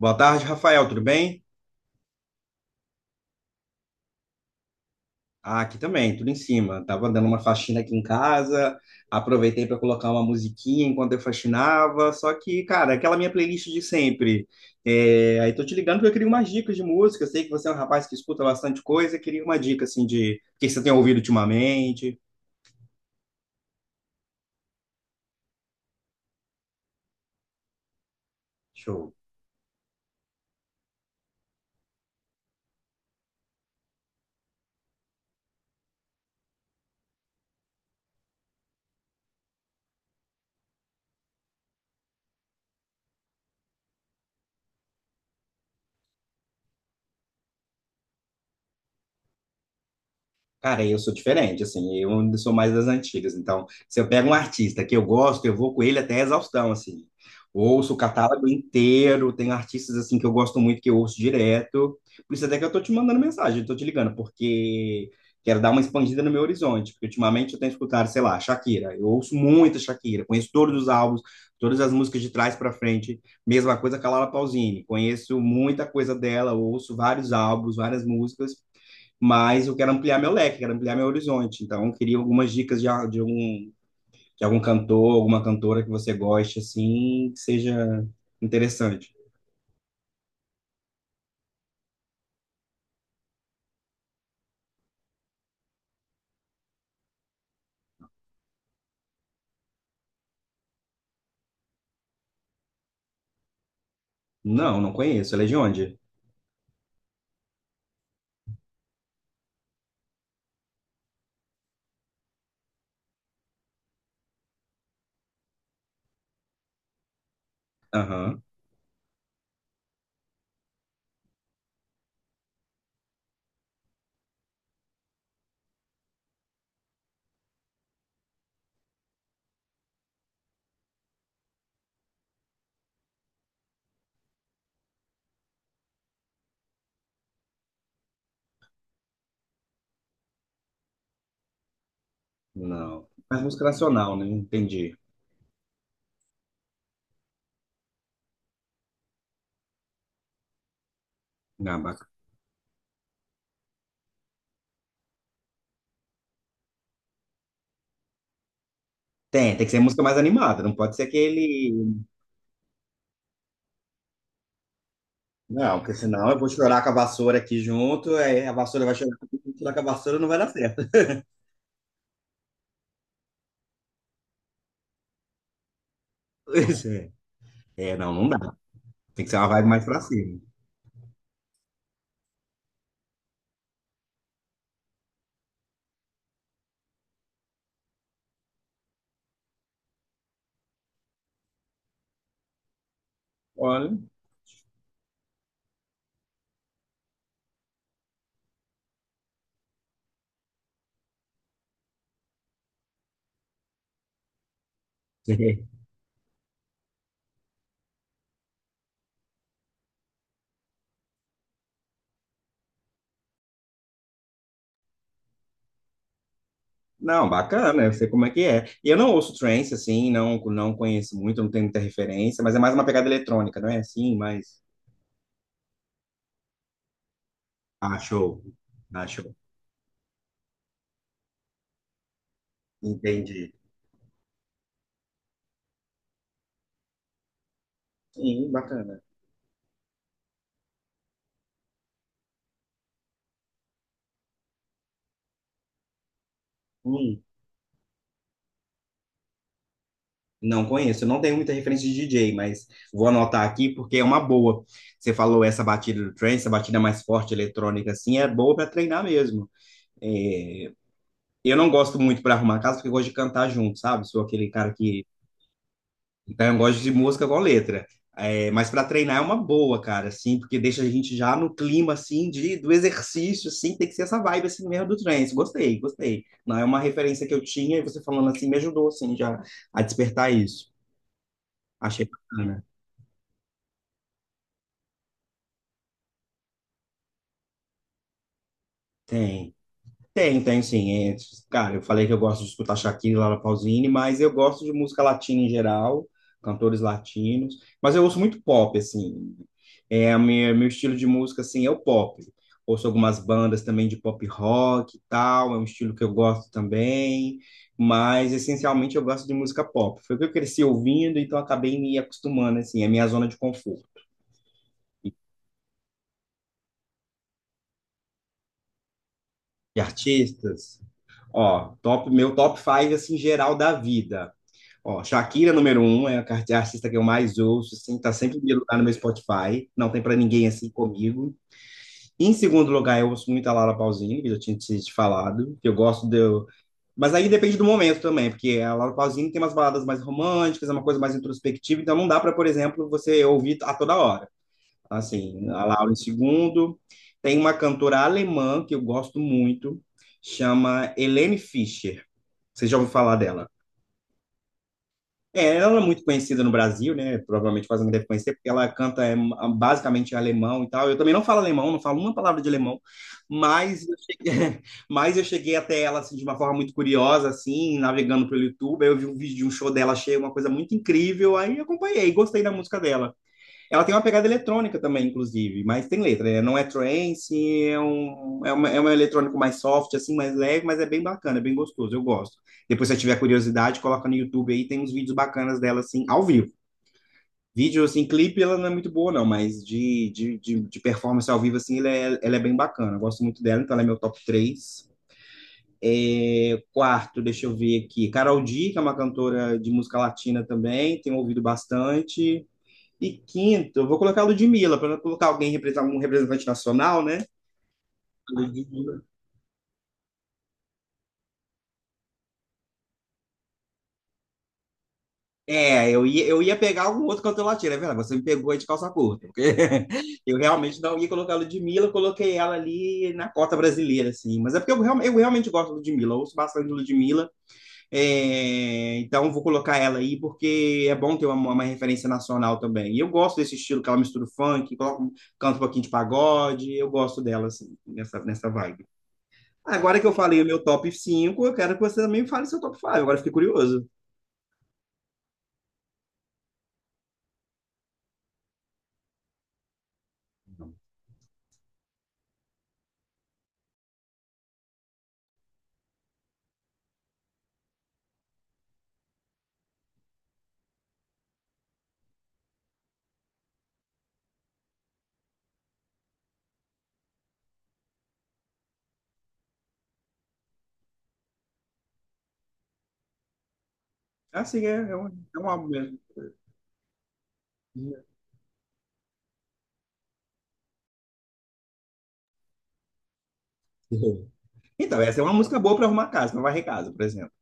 Boa tarde, Rafael, tudo bem? Ah, aqui também, tudo em cima. Tava dando uma faxina aqui em casa, aproveitei para colocar uma musiquinha enquanto eu faxinava, só que, cara, aquela minha playlist de sempre. É, aí tô te ligando porque eu queria umas dicas de música, eu sei que você é um rapaz que escuta bastante coisa, eu queria uma dica, assim, de o que você tem ouvido ultimamente. Show. Cara, eu sou diferente, assim, eu ainda sou mais das antigas. Então, se eu pego um artista que eu gosto, eu vou com ele até a exaustão, assim. Ouço o catálogo inteiro, tem artistas, assim, que eu gosto muito, que eu ouço direto. Por isso até que eu tô te mandando mensagem, tô te ligando, porque quero dar uma expandida no meu horizonte. Porque ultimamente eu tenho escutado, sei lá, Shakira. Eu ouço muita Shakira, conheço todos os álbuns, todas as músicas de trás para frente. Mesma coisa com a Laura Pausini, conheço muita coisa dela, ouço vários álbuns, várias músicas, mas eu quero ampliar meu leque, quero ampliar meu horizonte. Então, eu queria algumas dicas de, de algum cantor, alguma cantora que você goste, assim, que seja interessante. Não, não conheço. Ela é de onde? Aham, não. Mas música nacional, né? Entendi. Ah, bacana. Tem, tem que ser música mais animada, não pode ser aquele. Não, porque senão eu vou chorar com a vassoura aqui junto, aí a vassoura vai chorar comigo, eu vou chorar com a vassoura, não vai dar certo. Pois é. É, não, não dá. Tem que ser uma vibe mais pra cima. Olha. Não, bacana, eu sei como é que é. E eu não ouço trance, assim, não, não conheço muito, não tenho muita referência, mas é mais uma pegada eletrônica, não é assim? Mas. Ah, show. Ah, show. Entendi. Sim, bacana. Hum, não conheço, eu não tenho muita referência de DJ, mas vou anotar aqui porque é uma boa. Você falou essa batida do trance, essa batida mais forte eletrônica, assim, é boa para treinar mesmo. É, eu não gosto muito para arrumar a casa porque eu gosto de cantar junto, sabe? Sou aquele cara. Então, eu gosto de música com letra. É, mas para treinar é uma boa, cara, assim, porque deixa a gente já no clima, assim, de, do exercício, assim, tem que ser essa vibe, assim, mesmo do trance. Gostei, gostei. Não é uma referência que eu tinha e você falando assim me ajudou, assim, já a despertar isso. Achei bacana. Tem. Tem, tem sim. É, cara, eu falei que eu gosto de escutar Shakira, Laura Pausini, mas eu gosto de música latina em geral, cantores latinos. Mas eu ouço muito pop, assim. É, a minha, meu estilo de música, assim, é o pop. Ouço algumas bandas também de pop rock e tal, é um estilo que eu gosto também. Mas, essencialmente, eu gosto de música pop. Foi o que eu cresci ouvindo, então acabei me acostumando, assim, é a minha zona de conforto. De artistas, ó, top, meu top five assim, geral da vida. Ó, Shakira, número um, é a a artista que eu mais ouço, assim, tá sempre em primeiro lugar no meu Spotify, não tem pra ninguém assim comigo. Em segundo lugar, eu ouço muito a Laura Pausini, que eu já tinha te falado, que eu gosto de... Mas aí depende do momento também, porque a Laura Pausini tem umas baladas mais românticas, é uma coisa mais introspectiva, então não dá pra, por exemplo, você ouvir a toda hora. Assim, a Laura em segundo. Tem uma cantora alemã que eu gosto muito, chama Helene Fischer. Você já ouviu falar dela? É, ela é muito conhecida no Brasil, né? Provavelmente quase não deve conhecer, porque ela canta é, ah, basicamente em alemão e tal. Eu também não falo alemão, não falo uma palavra de alemão, mas eu cheguei, mas eu cheguei até ela assim, de uma forma muito curiosa, assim, navegando pelo YouTube. Aí eu vi um vídeo de um show dela, achei uma coisa muito incrível, aí acompanhei, gostei da música dela. Ela tem uma pegada eletrônica também, inclusive, mas tem letra, né? Não é trance, é um, é uma, é um eletrônico mais soft, assim, mais leve, mas é bem bacana, é bem gostoso, eu gosto. Depois, se você tiver curiosidade, coloca no YouTube aí, tem uns vídeos bacanas dela, assim, ao vivo. Vídeo, assim, clipe, ela não é muito boa, não, mas de, de performance ao vivo, assim, ela é bem bacana. Eu gosto muito dela, então ela é meu top três. É, quarto, deixa eu ver aqui, Carol D, que é uma cantora de música latina também, tenho ouvido bastante. E quinto, eu vou colocar a Ludmilla, para não colocar alguém um representante nacional, né? Ludmilla. É, eu ia pegar algum outro cantor latino, é verdade, você me pegou aí de calça curta, porque eu realmente não ia colocar a Ludmilla, eu coloquei ela ali na cota brasileira, assim, mas é porque eu, eu realmente gosto da Ludmilla, eu ouço bastante de Ludmilla, é, então eu vou colocar ela aí, porque é bom ter uma referência nacional também, e eu gosto desse estilo que ela mistura o funk, coloca, um, canta um pouquinho de pagode, eu gosto dela, assim, nessa, nessa vibe. Agora que eu falei o meu top 5, eu quero que você também fale seu top 5. Agora eu fiquei curioso. É Assim, é, é um álbum mesmo. Então, essa é uma música boa para arrumar casa, para varrer casa, por exemplo.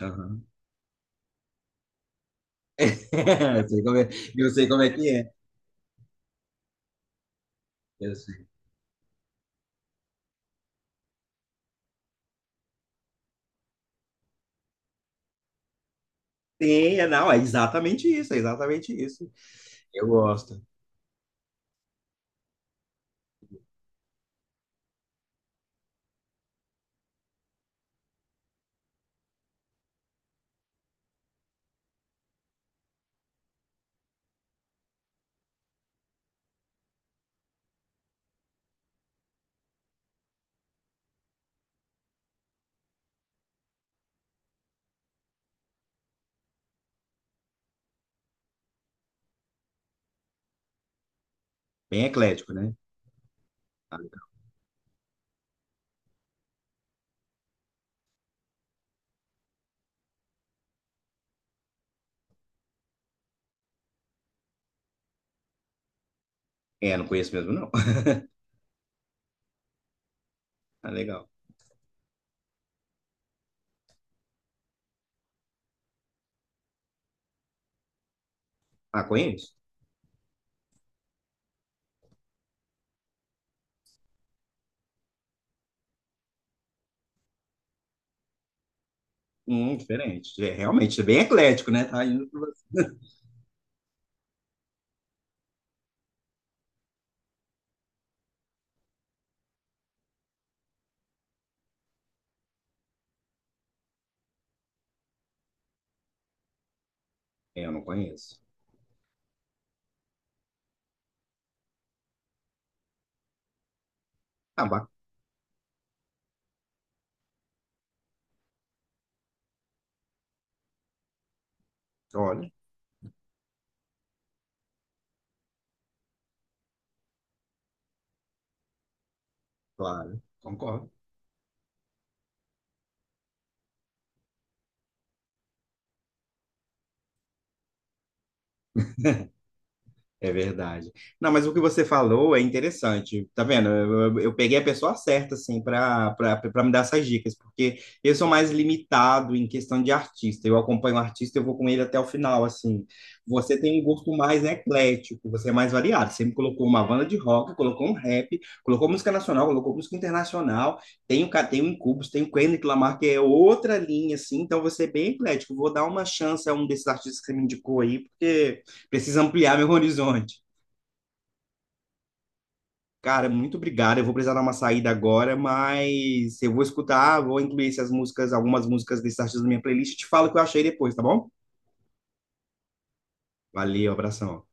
Aham. Eu sei como é, eu sei como é que é. Eu sei. Tem, é, não, é exatamente isso, é exatamente isso. Eu gosto. Bem eclético, né? Ah, é, não conheço mesmo, não. Tá legal. Ah, conheço? Diferente. É, realmente, é bem eclético, né? Tá indo pra você. É, eu não conheço. Ah, bacana. Olha, claro, concordo. É verdade. Não, mas o que você falou é interessante. Tá vendo? Eu, eu peguei a pessoa certa, assim, para me dar essas dicas, porque eu sou mais limitado em questão de artista. Eu acompanho o artista, eu vou com ele até o final, assim. Você tem um gosto mais eclético, você é mais variado. Você me colocou uma banda de rock, colocou um rap, colocou música nacional, colocou música internacional. Tem o, tem o Incubus, tem o Kendrick Lamar, que é outra linha, assim. Então, você é bem eclético. Vou dar uma chance a um desses artistas que você me indicou aí, porque preciso ampliar meu horizonte. Cara, muito obrigado. Eu vou precisar dar uma saída agora, mas eu vou escutar, vou incluir essas músicas, algumas músicas desses artistas na minha playlist e te falo o que eu achei depois, tá bom? Valeu, abração.